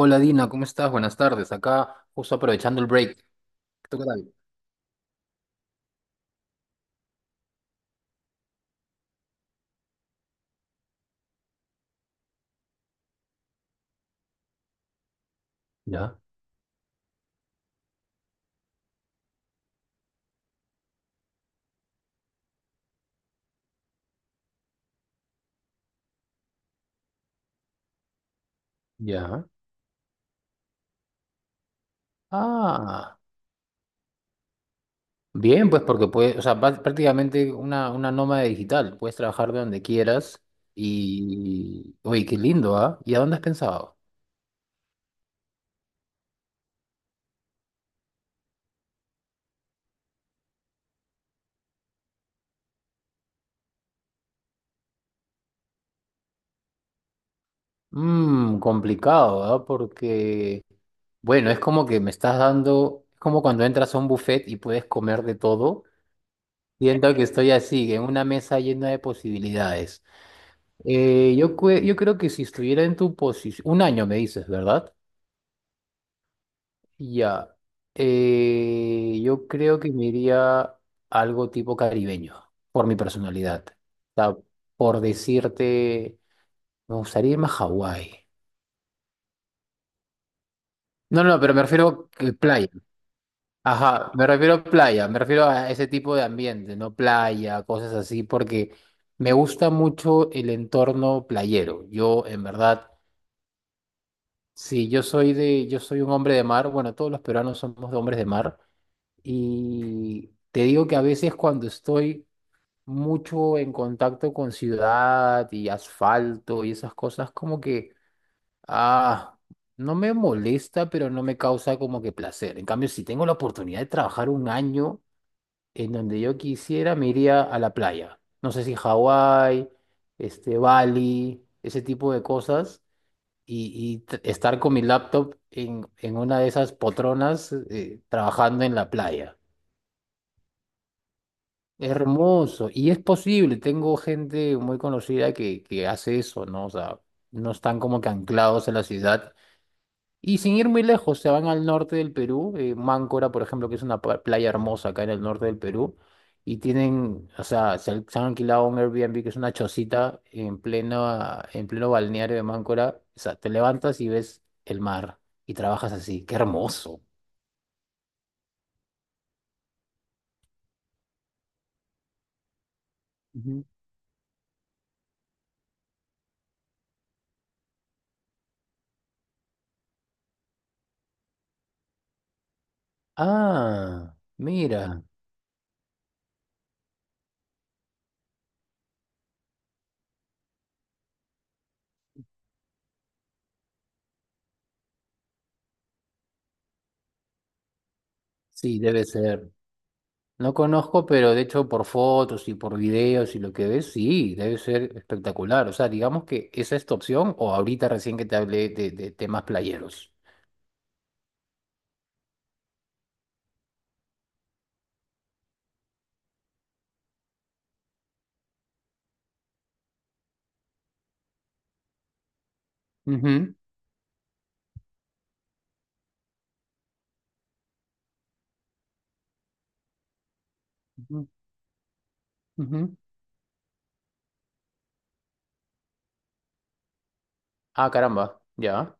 Hola Dina, ¿cómo estás? Buenas tardes. Acá justo aprovechando el break. ¿Tú qué tal? Ya, ya. Ah, Bien, pues porque puedes, o sea, prácticamente una nómada digital. Puedes trabajar de donde quieras y... Oye, qué lindo, ¿ah? ¿Y a dónde has pensado? Mmm, complicado, ¿ah? Porque, bueno, es como que me estás dando, es como cuando entras a un buffet y puedes comer de todo. Siento que estoy así, en una mesa llena de posibilidades. Yo creo que si estuviera en tu posición, un año me dices, ¿verdad? Ya. Yo creo que me iría algo tipo caribeño, por mi personalidad. O sea, por decirte, me gustaría irme a Hawái. No, no, pero me refiero a playa. Ajá, me refiero a playa, me refiero a ese tipo de ambiente, no playa, cosas así, porque me gusta mucho el entorno playero. Yo, en verdad, sí, yo soy un hombre de mar. Bueno, todos los peruanos somos de hombres de mar. Y te digo que a veces cuando estoy mucho en contacto con ciudad y asfalto y esas cosas, como que, ah, no me molesta, pero no me causa como que placer. En cambio, si tengo la oportunidad de trabajar un año en donde yo quisiera, me iría a la playa. No sé si Hawái, este, Bali, ese tipo de cosas y estar con mi laptop en una de esas potronas trabajando en la playa. Hermoso. Y es posible, tengo gente muy conocida que hace eso, ¿no? O sea, no están como que anclados en la ciudad y sin ir muy lejos, se van al norte del Perú, Máncora, por ejemplo, que es una playa hermosa acá en el norte del Perú, y tienen, o sea, se han alquilado un Airbnb que es una chocita en pleno balneario de Máncora. O sea, te levantas y ves el mar y trabajas así. ¡Qué hermoso! Ujú. Ah, mira, sí, debe ser. No conozco, pero de hecho por fotos y por videos y lo que ves, sí, debe ser espectacular. O sea, digamos que esa es tu opción o ahorita recién que te hablé de temas playeros. Ujú, ujú, ujú. Ah, caramba, ya,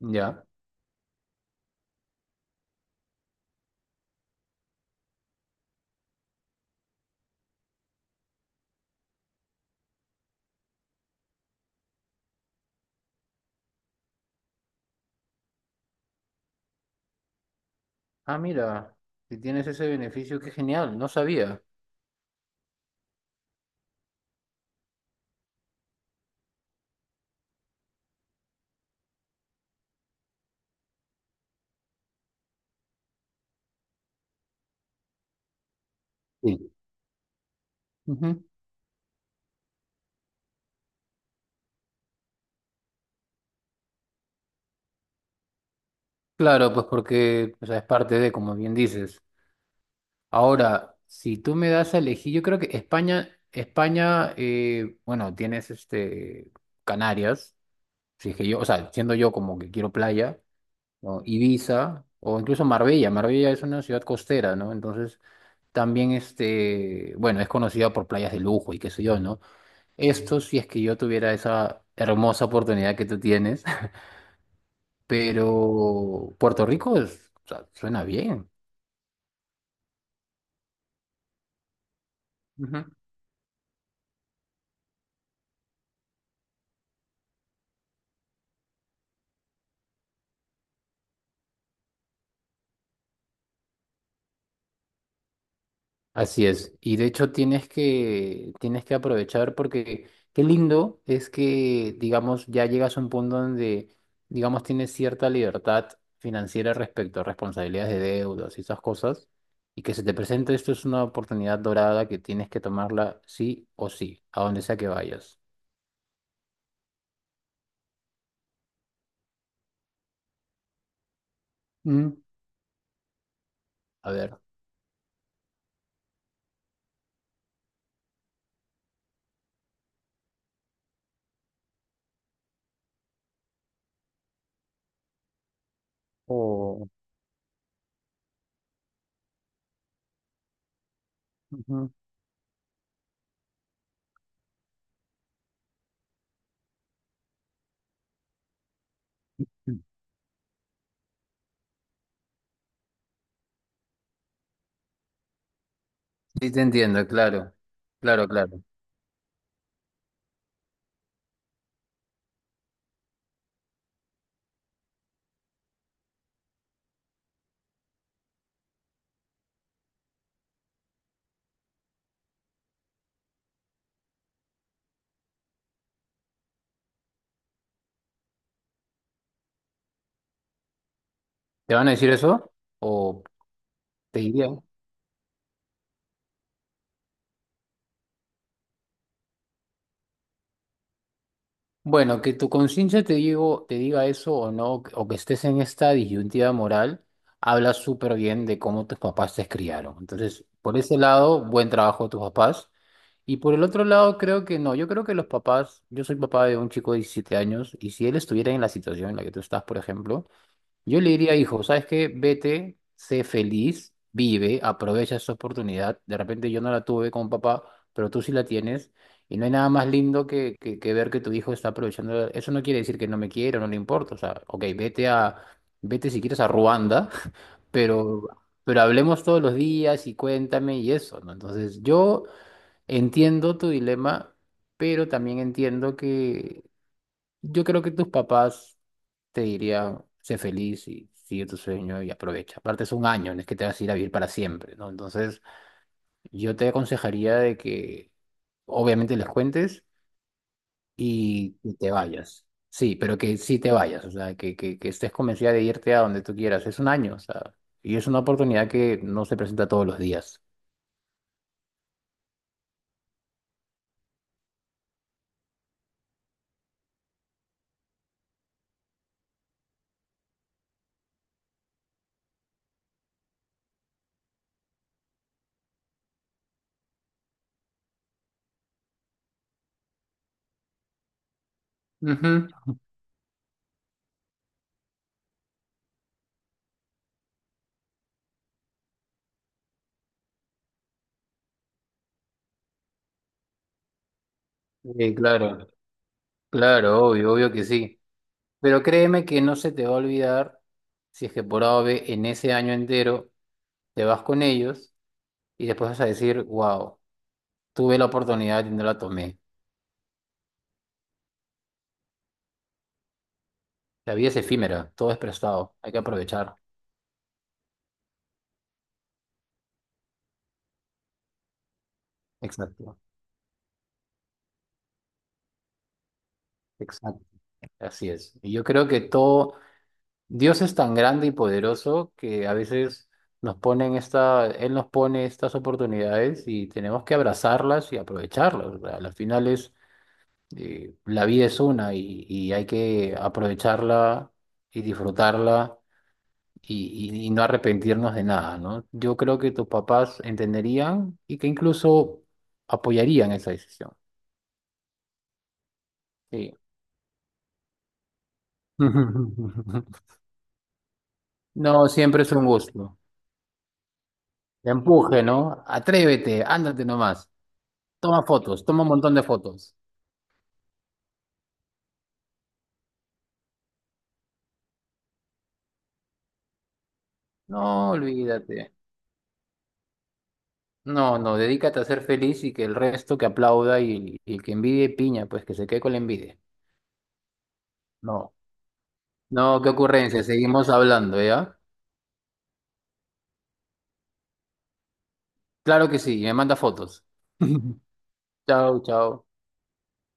ya. Ah, mira, si tienes ese beneficio, qué genial, no sabía. Sí. Ujú. Claro, pues porque o sea, es parte de, como bien dices. Ahora, si tú me das a elegir, yo creo que España, bueno, tienes este... Canarias. Si es que yo, o sea, siendo yo como que quiero playa, ¿no? Ibiza o incluso Marbella. Marbella es una ciudad costera, ¿no? Entonces, también este, bueno, es conocida por playas de lujo y qué sé yo, ¿no? Esto si es que yo tuviera esa hermosa oportunidad que tú tienes, pero Puerto Rico o sea, suena bien. Ujú. Así es. Y de hecho tienes que aprovechar porque qué lindo es que, digamos, ya llegas a un punto donde, digamos, tienes cierta libertad financiera respecto a responsabilidades de deudas y esas cosas. Y que se te presente esto es una oportunidad dorada que tienes que tomarla sí o sí, a donde sea que vayas. Mm. A ver. O ujú. Sí, te entiendo, claro. Claro, claro. ¿Te van a decir eso? ¿O te dirían? Bueno, que tu conciencia te diga eso o no, o que estés en esta disyuntiva moral, habla súper bien de cómo tus papás te criaron. Entonces, por ese lado, buen trabajo de tus papás. Y por el otro lado, creo que no. Yo creo que los papás, yo soy papá de un chico de 17 años, y si él estuviera en la situación en la que tú estás, por ejemplo, yo le diría, hijo, ¿sabes qué? Vete, sé feliz, vive, aprovecha esa oportunidad. De repente yo no la tuve con papá, pero tú sí la tienes. Y no hay nada más lindo que ver que tu hijo está aprovechando. Eso no quiere decir que no me quiera, no le importa. O sea, ok, vete si quieres a Ruanda, pero, pero hablemos todos los días y cuéntame y eso, ¿no? Entonces, yo entiendo tu dilema, pero también entiendo yo creo que tus papás te dirían, sé feliz y sigue tu sueño y aprovecha. Aparte es un año, no es que te vas a ir a vivir para siempre, ¿no? Entonces yo te aconsejaría de que obviamente les cuentes y te vayas. Sí, pero que sí te vayas, o sea, que estés convencida de irte a donde tú quieras. Es un año, o sea, y es una oportunidad que no se presenta todos los días. Ujú. Sí, claro, obvio que sí. Pero créeme que no se te va a olvidar si es que por A o B en ese año entero te vas con ellos y después vas a decir, wow, tuve la oportunidad y no la tomé. La vida es efímera, todo es prestado, hay que aprovechar. Exacto, exacto, así es. Y yo creo que todo, Dios es tan grande y poderoso que a veces Él nos pone estas oportunidades y tenemos que abrazarlas y aprovecharlas. O sea, al final es la vida es una y hay que aprovecharla y disfrutarla y no arrepentirnos de nada, ¿no? Yo creo que tus papás entenderían y que incluso apoyarían esa decisión. Sí. No, siempre es un gusto. Te empuje, ¿no? Atrévete, ándate nomás. Toma fotos, toma un montón de fotos. No, olvídate. No, no, dedícate a ser feliz y que el resto que aplauda y el que envidie piña, pues que se quede con la envidia. No. No, qué ocurrencia, seguimos hablando, ¿ya? Claro que sí, me manda fotos. Chao, chao.